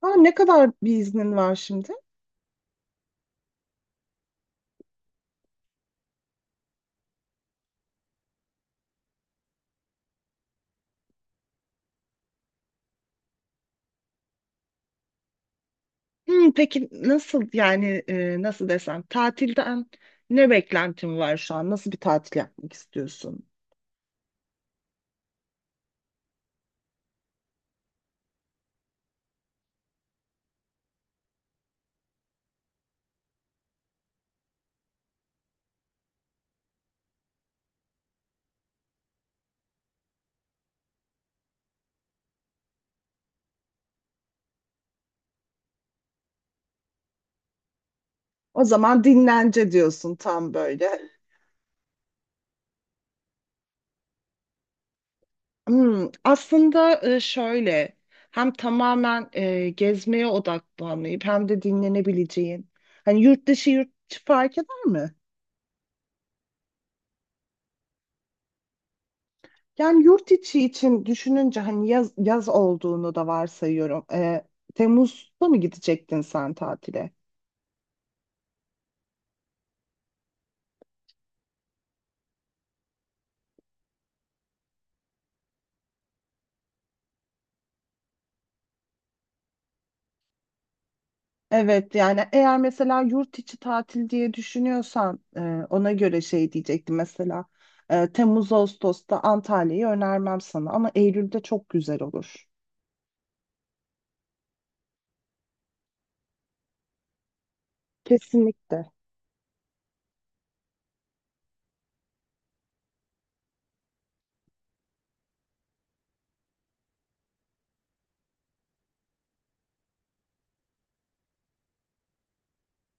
Ha, ne kadar bir iznin var şimdi? Peki nasıl yani nasıl desem tatilden ne beklentin var şu an? Nasıl bir tatil yapmak istiyorsun? O zaman dinlence diyorsun tam böyle. Aslında şöyle hem tamamen gezmeye odaklanmayıp hem de dinlenebileceğin hani yurt dışı yurt içi fark eder mi? Yani yurt içi için düşününce hani yaz olduğunu da varsayıyorum. Temmuz'da mı gidecektin sen tatile? Evet yani eğer mesela yurt içi tatil diye düşünüyorsan ona göre şey diyecektim mesela Temmuz Ağustos'ta Antalya'yı önermem sana ama Eylül'de çok güzel olur. Kesinlikle.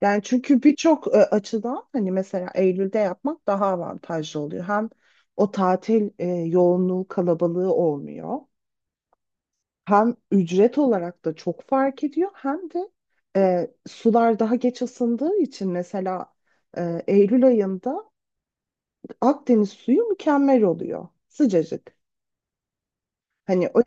Yani çünkü birçok açıdan hani mesela Eylül'de yapmak daha avantajlı oluyor. Hem o tatil yoğunluğu kalabalığı olmuyor. Hem ücret olarak da çok fark ediyor hem de sular daha geç ısındığı için mesela Eylül ayında Akdeniz suyu mükemmel oluyor. Sıcacık. Hani o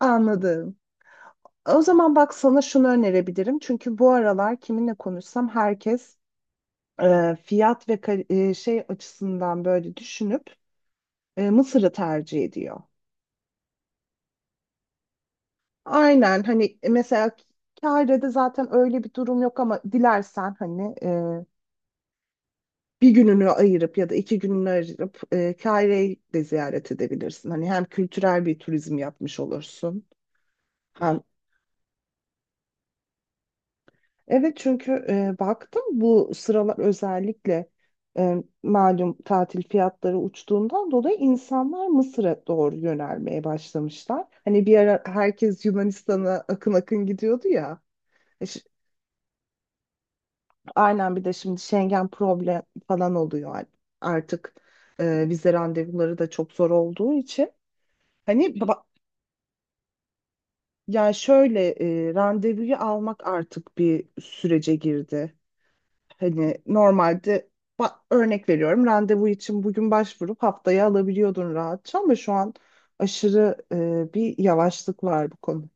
anladım. O zaman bak sana şunu önerebilirim. Çünkü bu aralar kiminle konuşsam herkes fiyat ve şey açısından böyle düşünüp Mısır'ı tercih ediyor. Aynen hani mesela Kahire'de zaten öyle bir durum yok ama dilersen hani bir gününü ayırıp ya da iki gününü ayırıp Kahire'yi de ziyaret edebilirsin. Hani hem kültürel bir turizm yapmış olursun, hem, evet, çünkü baktım bu sıralar özellikle e, malum tatil fiyatları uçtuğundan dolayı insanlar Mısır'a doğru yönelmeye başlamışlar. Hani bir ara herkes Yunanistan'a akın akın gidiyordu ya. E, ş- Aynen bir de şimdi Schengen problem falan oluyor artık. Vize randevuları da çok zor olduğu için. Hani ba- Ya şöyle randevuyu almak artık bir sürece girdi. Hani normalde örnek veriyorum randevu için bugün başvurup haftaya alabiliyordun rahatça ama şu an aşırı bir yavaşlık var bu konu.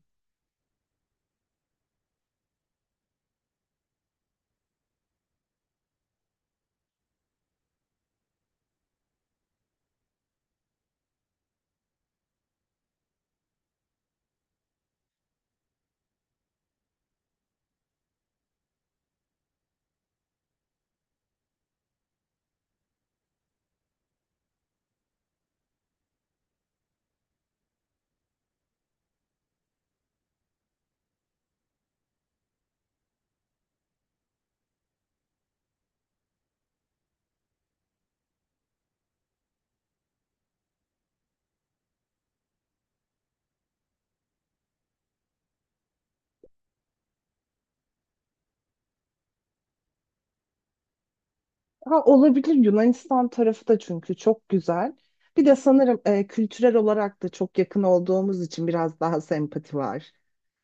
Ha, olabilir Yunanistan tarafı da çünkü çok güzel. Bir de sanırım kültürel olarak da çok yakın olduğumuz için biraz daha sempati var.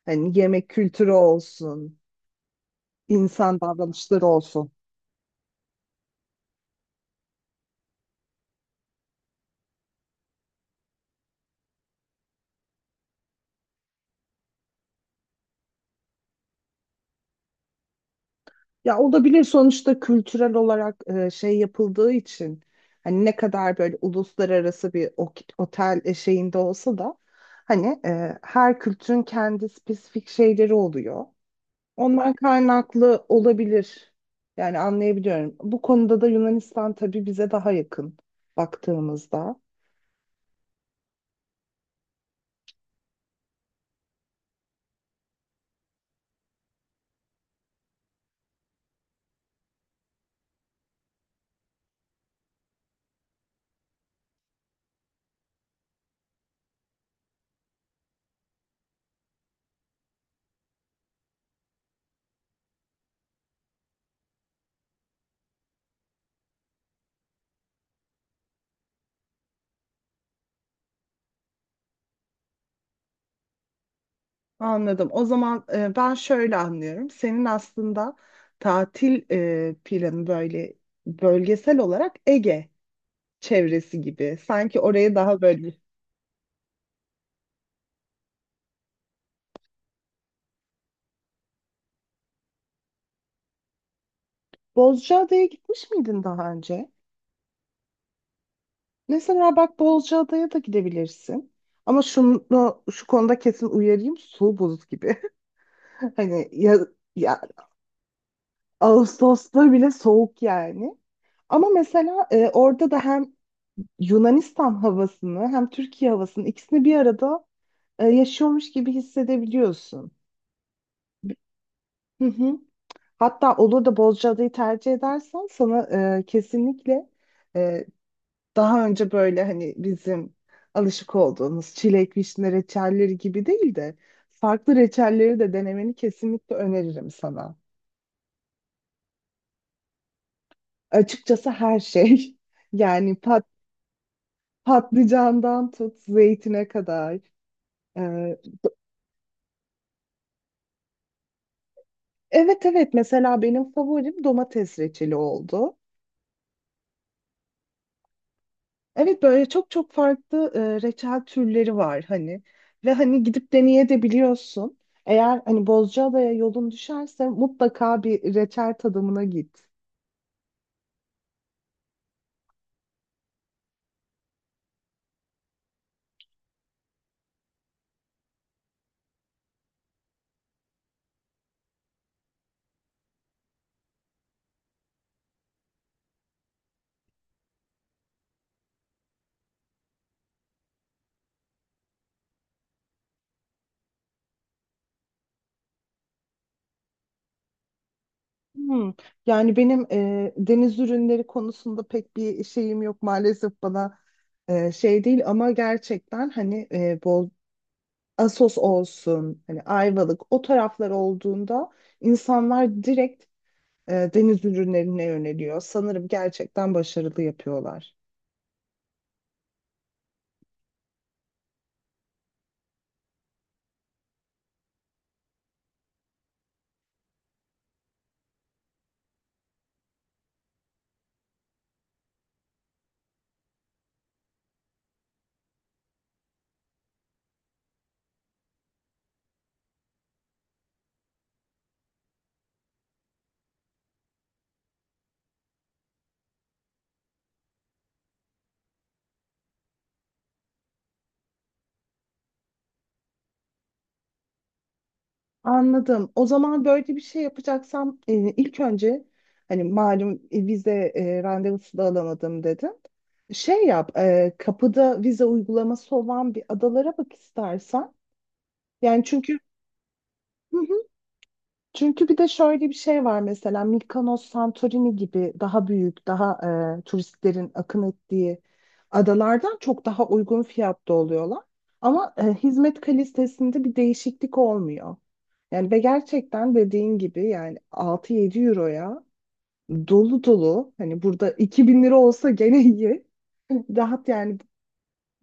Hani yemek kültürü olsun, insan davranışları olsun. Ya olabilir sonuçta kültürel olarak şey yapıldığı için hani ne kadar böyle uluslararası bir otel şeyinde olsa da hani her kültürün kendi spesifik şeyleri oluyor. Ondan kaynaklı olabilir. Yani anlayabiliyorum. Bu konuda da Yunanistan tabii bize daha yakın baktığımızda. Anladım. O zaman ben şöyle anlıyorum. Senin aslında tatil planı böyle bölgesel olarak Ege çevresi gibi. Sanki oraya daha böyle. Bozcaada'ya gitmiş miydin daha önce? Mesela bak Bozcaada'ya da gidebilirsin. Ama şu konuda kesin uyarayım. Su buz gibi. Hani ya, ya Ağustos'ta bile soğuk yani. Ama mesela orada da hem Yunanistan havasını hem Türkiye havasını ikisini bir arada yaşıyormuş gibi hissedebiliyorsun. Hı hı. Hatta olur da Bozcaada'yı tercih edersen sana kesinlikle e, daha önce böyle hani bizim alışık olduğumuz çilek, vişne reçelleri gibi değil de farklı reçelleri de denemeni kesinlikle öneririm sana. Açıkçası her şey yani patlıcandan tut zeytine kadar. Ee, evet evet mesela benim favorim domates reçeli oldu. Evet böyle çok çok farklı reçel türleri var hani ve hani gidip deneyebiliyorsun. Eğer hani Bozcaada'ya yolun düşerse mutlaka bir reçel tadımına git. Hmm. Yani benim deniz ürünleri konusunda pek bir şeyim yok maalesef bana şey değil ama gerçekten hani bol Assos olsun hani Ayvalık o taraflar olduğunda insanlar direkt deniz ürünlerine yöneliyor. Sanırım gerçekten başarılı yapıyorlar. Anladım. O zaman böyle bir şey yapacaksam ilk önce hani malum vize randevusu da alamadım dedim. Kapıda vize uygulaması olan bir adalara bak istersen. Yani çünkü Çünkü bir de şöyle bir şey var mesela Mykonos, Santorini gibi daha büyük, daha turistlerin akın ettiği adalardan çok daha uygun fiyatta oluyorlar. Ama hizmet kalitesinde bir değişiklik olmuyor. Yani ve gerçekten dediğin gibi yani 6-7 euroya dolu dolu hani burada 2.000 lira olsa gene iyi. Rahat yani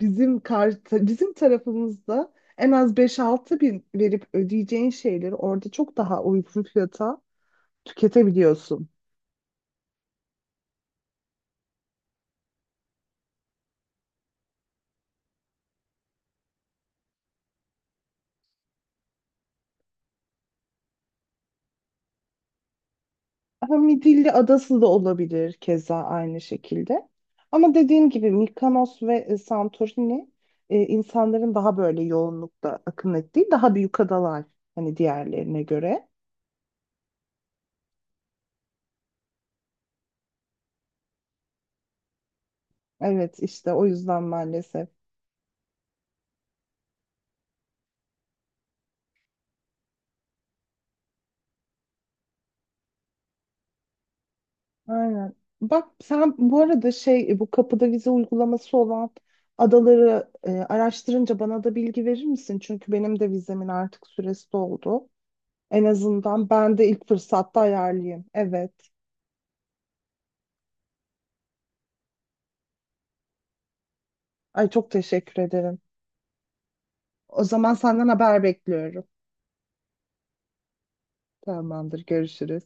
bizim tarafımızda en az 5-6 bin verip ödeyeceğin şeyleri orada çok daha uygun fiyata tüketebiliyorsun. Ama Midilli Adası da olabilir keza aynı şekilde. Ama dediğim gibi Mikonos ve Santorini insanların daha böyle yoğunlukta akın ettiği daha büyük adalar hani diğerlerine göre. Evet işte o yüzden maalesef. Aynen. Bak sen bu arada bu kapıda vize uygulaması olan adaları araştırınca bana da bilgi verir misin? Çünkü benim de vizemin artık süresi doldu. En azından ben de ilk fırsatta ayarlayayım. Evet. Ay çok teşekkür ederim. O zaman senden haber bekliyorum. Tamamdır, görüşürüz.